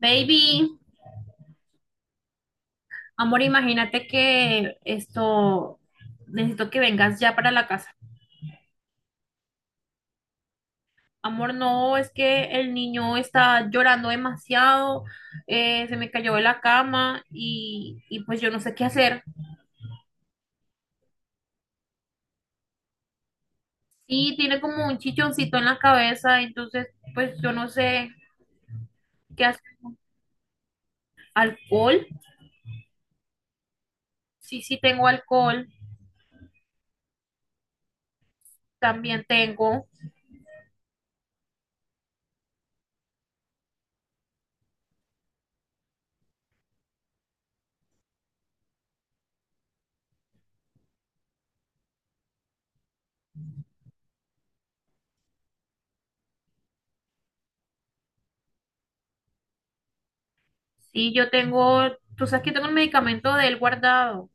Baby, amor, imagínate que esto, necesito que vengas ya para la casa. Amor, no, es que el niño está llorando demasiado, se me cayó de la cama y pues yo no sé qué hacer. Sí, tiene como un chichoncito en la cabeza, entonces pues yo no sé qué hacer. ¿Alcohol? Sí, sí tengo alcohol, también tengo. Sí, yo tengo, tú sabes que tengo el medicamento de él guardado.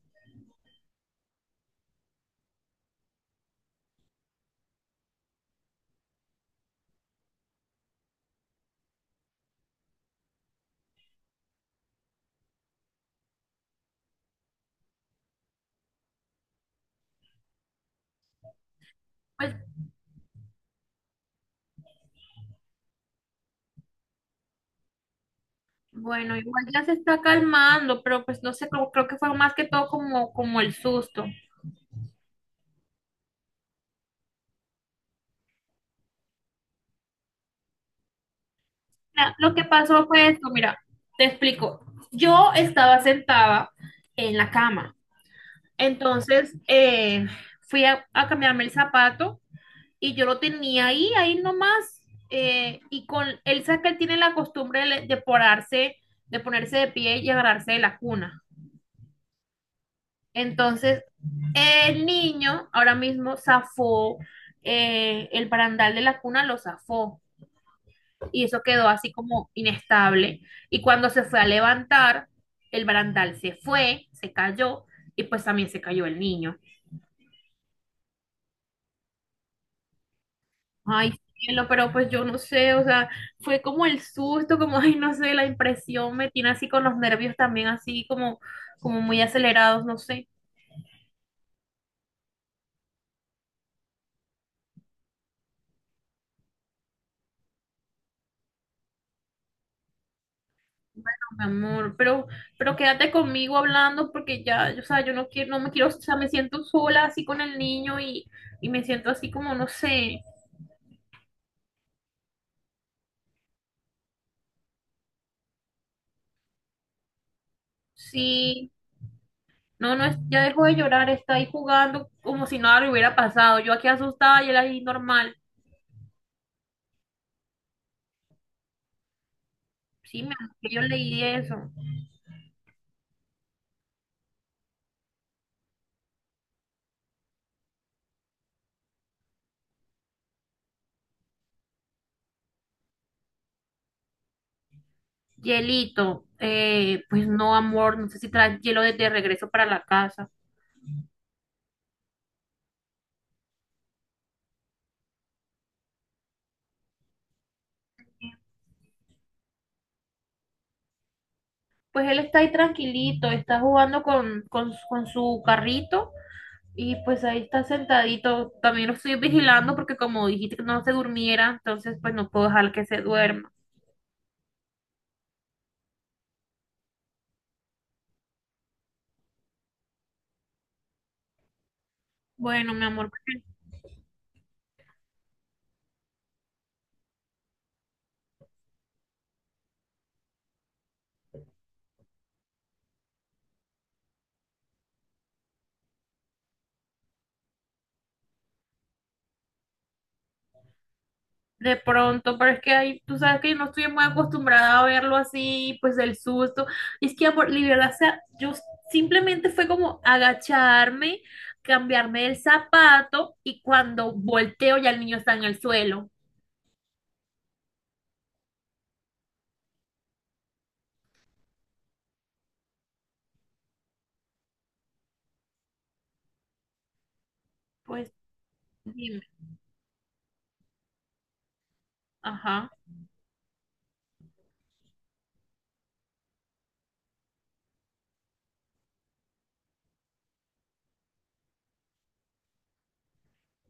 Pues bueno, igual ya se está calmando, pero pues no sé, creo, creo que fue más que todo como, como el susto. Mira, lo que pasó fue esto, mira, te explico. Yo estaba sentada en la cama, entonces fui a cambiarme el zapato y yo lo tenía ahí, ahí nomás, y con él, sabe que él tiene la costumbre de porarse, de ponerse de pie y agarrarse de la cuna. Entonces el niño ahora mismo zafó, el barandal de la cuna, lo zafó y eso quedó así como inestable. Y cuando se fue a levantar, el barandal se fue, se cayó y pues también se cayó el niño. Ay, cielo, pero pues yo no sé, o sea, fue como el susto, como, ay, no sé, la impresión me tiene así con los nervios también así como, como muy acelerados, no sé. Amor, pero quédate conmigo hablando porque ya, o sea, yo no quiero, no me quiero, o sea, me siento sola así con el niño y me siento así como, no sé, sí, no, no, ya dejó de llorar, está ahí jugando como si nada le hubiera pasado, yo aquí asustada y él ahí normal, sí, mi amor, que yo leí eso. Hielito, pues no, amor, no sé si traes hielo de regreso para la casa. Pues él está ahí tranquilito, está jugando con su carrito. Y pues ahí está sentadito. También lo estoy vigilando porque como dijiste que no se durmiera, entonces pues no puedo dejar que se duerma. Bueno, mi amor, de pronto, pero es que ahí tú sabes que yo no estoy muy acostumbrada a verlo así, pues del susto. Y es que, amor, libertad, o sea, yo simplemente fue como agacharme, cambiarme el zapato y cuando volteo ya el niño está en el suelo. Pues dime, ajá.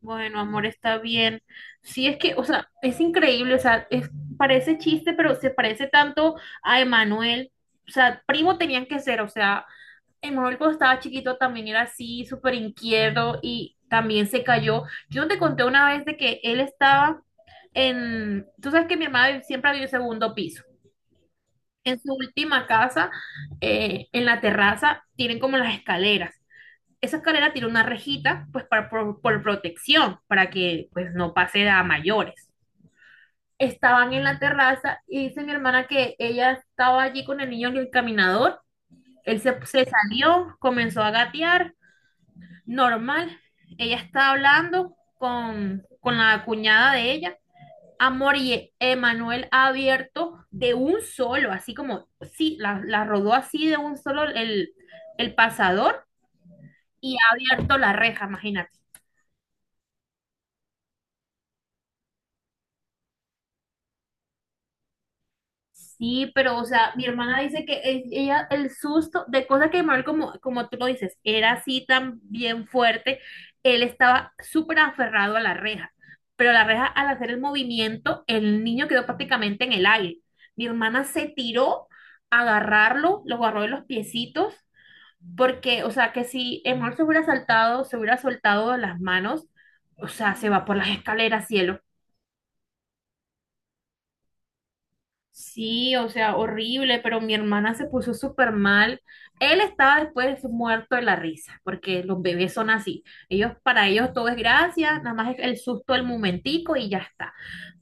Bueno, amor, está bien. Sí, es que, o sea, es increíble, o sea, es, parece chiste, pero se parece tanto a Emanuel. O sea, primo tenían que ser, o sea, Emanuel cuando estaba chiquito también era así, súper inquieto y también se cayó. Yo no te conté una vez de que él estaba en, tú sabes que mi mamá siempre vivió en segundo piso. En su última casa, en la terraza, tienen como las escaleras. Esa escalera tiene una rejita, pues para, por protección, para que pues no pase a mayores. Estaban en la terraza y dice mi hermana que ella estaba allí con el niño en el caminador. Él se, se salió, comenzó a gatear, normal. Ella está hablando con la cuñada de ella. Amor y Emanuel ha abierto de un solo, así como, sí, la rodó así de un solo el pasador y ha abierto la reja, imagínate. Sí, pero o sea, mi hermana dice que ella el susto de cosas que Manuel, como, como tú lo dices, era así tan bien fuerte, él estaba súper aferrado a la reja, pero la reja al hacer el movimiento, el niño quedó prácticamente en el aire. Mi hermana se tiró a agarrarlo, lo agarró de los piecitos, porque o sea, que si Manuel se hubiera saltado, se hubiera soltado de las manos, o sea, se va por las escaleras, cielo. Sí, o sea, horrible, pero mi hermana se puso súper mal. Él estaba después muerto de la risa, porque los bebés son así. Ellos, para ellos todo es gracia, nada más es el susto del momentico y ya está.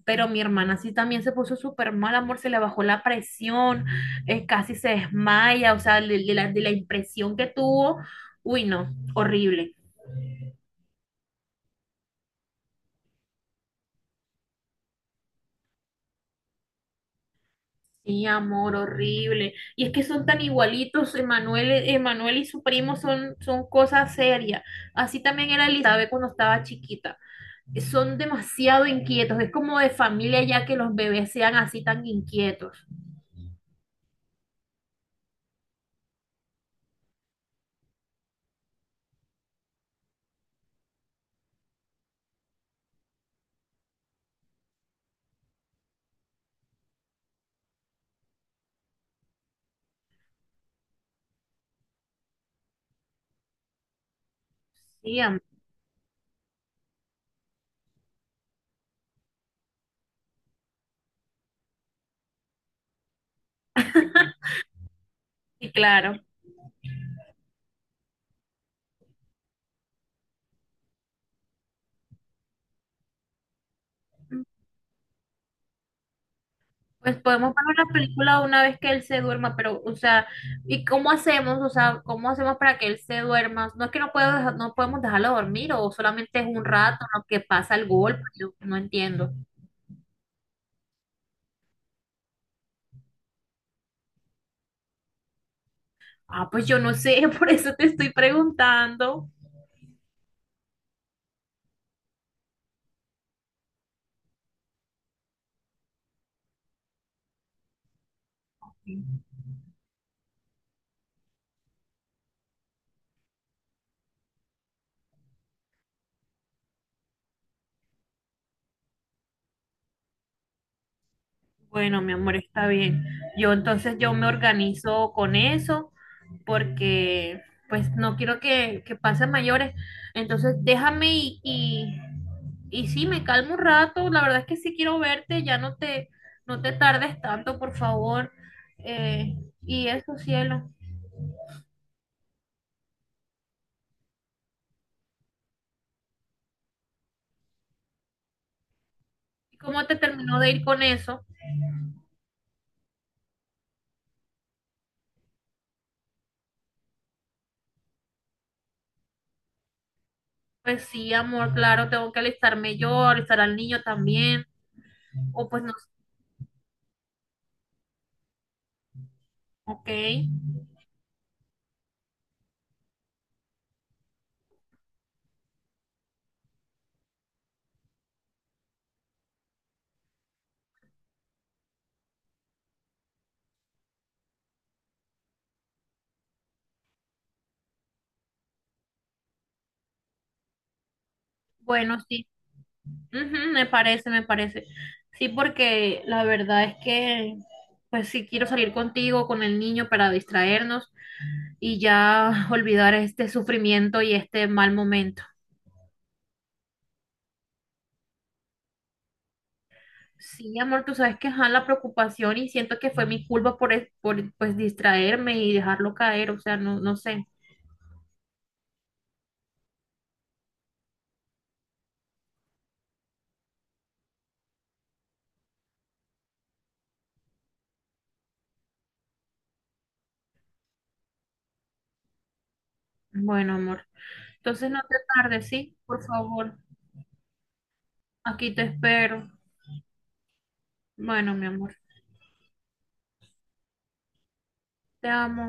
Pero mi hermana sí también se puso súper mal, amor, se le bajó la presión, casi se desmaya, o sea, de la impresión que tuvo. Uy, no, horrible. Sí, amor, horrible. Y es que son tan igualitos, Emanuel, Emanuel y su primo son, son cosas serias. Así también era Elizabeth cuando estaba chiquita. Son demasiado inquietos. Es como de familia ya que los bebés sean así tan inquietos. Sí, amor. Sí, claro. Pues podemos ver la película una vez que él se duerma, pero, o sea, ¿y cómo hacemos? O sea, ¿cómo hacemos para que él se duerma? No es que no puedo no podemos dejarlo dormir o solamente es un rato, lo que pasa el golpe, yo no entiendo. Ah, pues yo no sé, por eso te estoy preguntando. Bueno, mi amor, está bien. Yo entonces yo me organizo con eso porque pues no quiero que pasen mayores. Entonces déjame y sí, me calmo un rato. La verdad es que sí quiero verte, ya no te, no te tardes tanto, por favor. Eh, y eso, cielo. ¿Y cómo te terminó de ir con eso? Pues sí, amor, claro, tengo que alistarme yo, alistar al niño también. O pues no, ok. Bueno, sí, ujú, me parece, me parece. Sí, porque la verdad es que, pues sí quiero salir contigo, con el niño, para distraernos y ya olvidar este sufrimiento y este mal momento. Sí, amor, tú sabes que ajá, la preocupación y siento que fue mi culpa por, por pues distraerme y dejarlo caer, o sea, no, no sé. Bueno, amor, entonces no te tardes, ¿sí? Por favor, aquí te espero. Bueno, mi amor, te amo.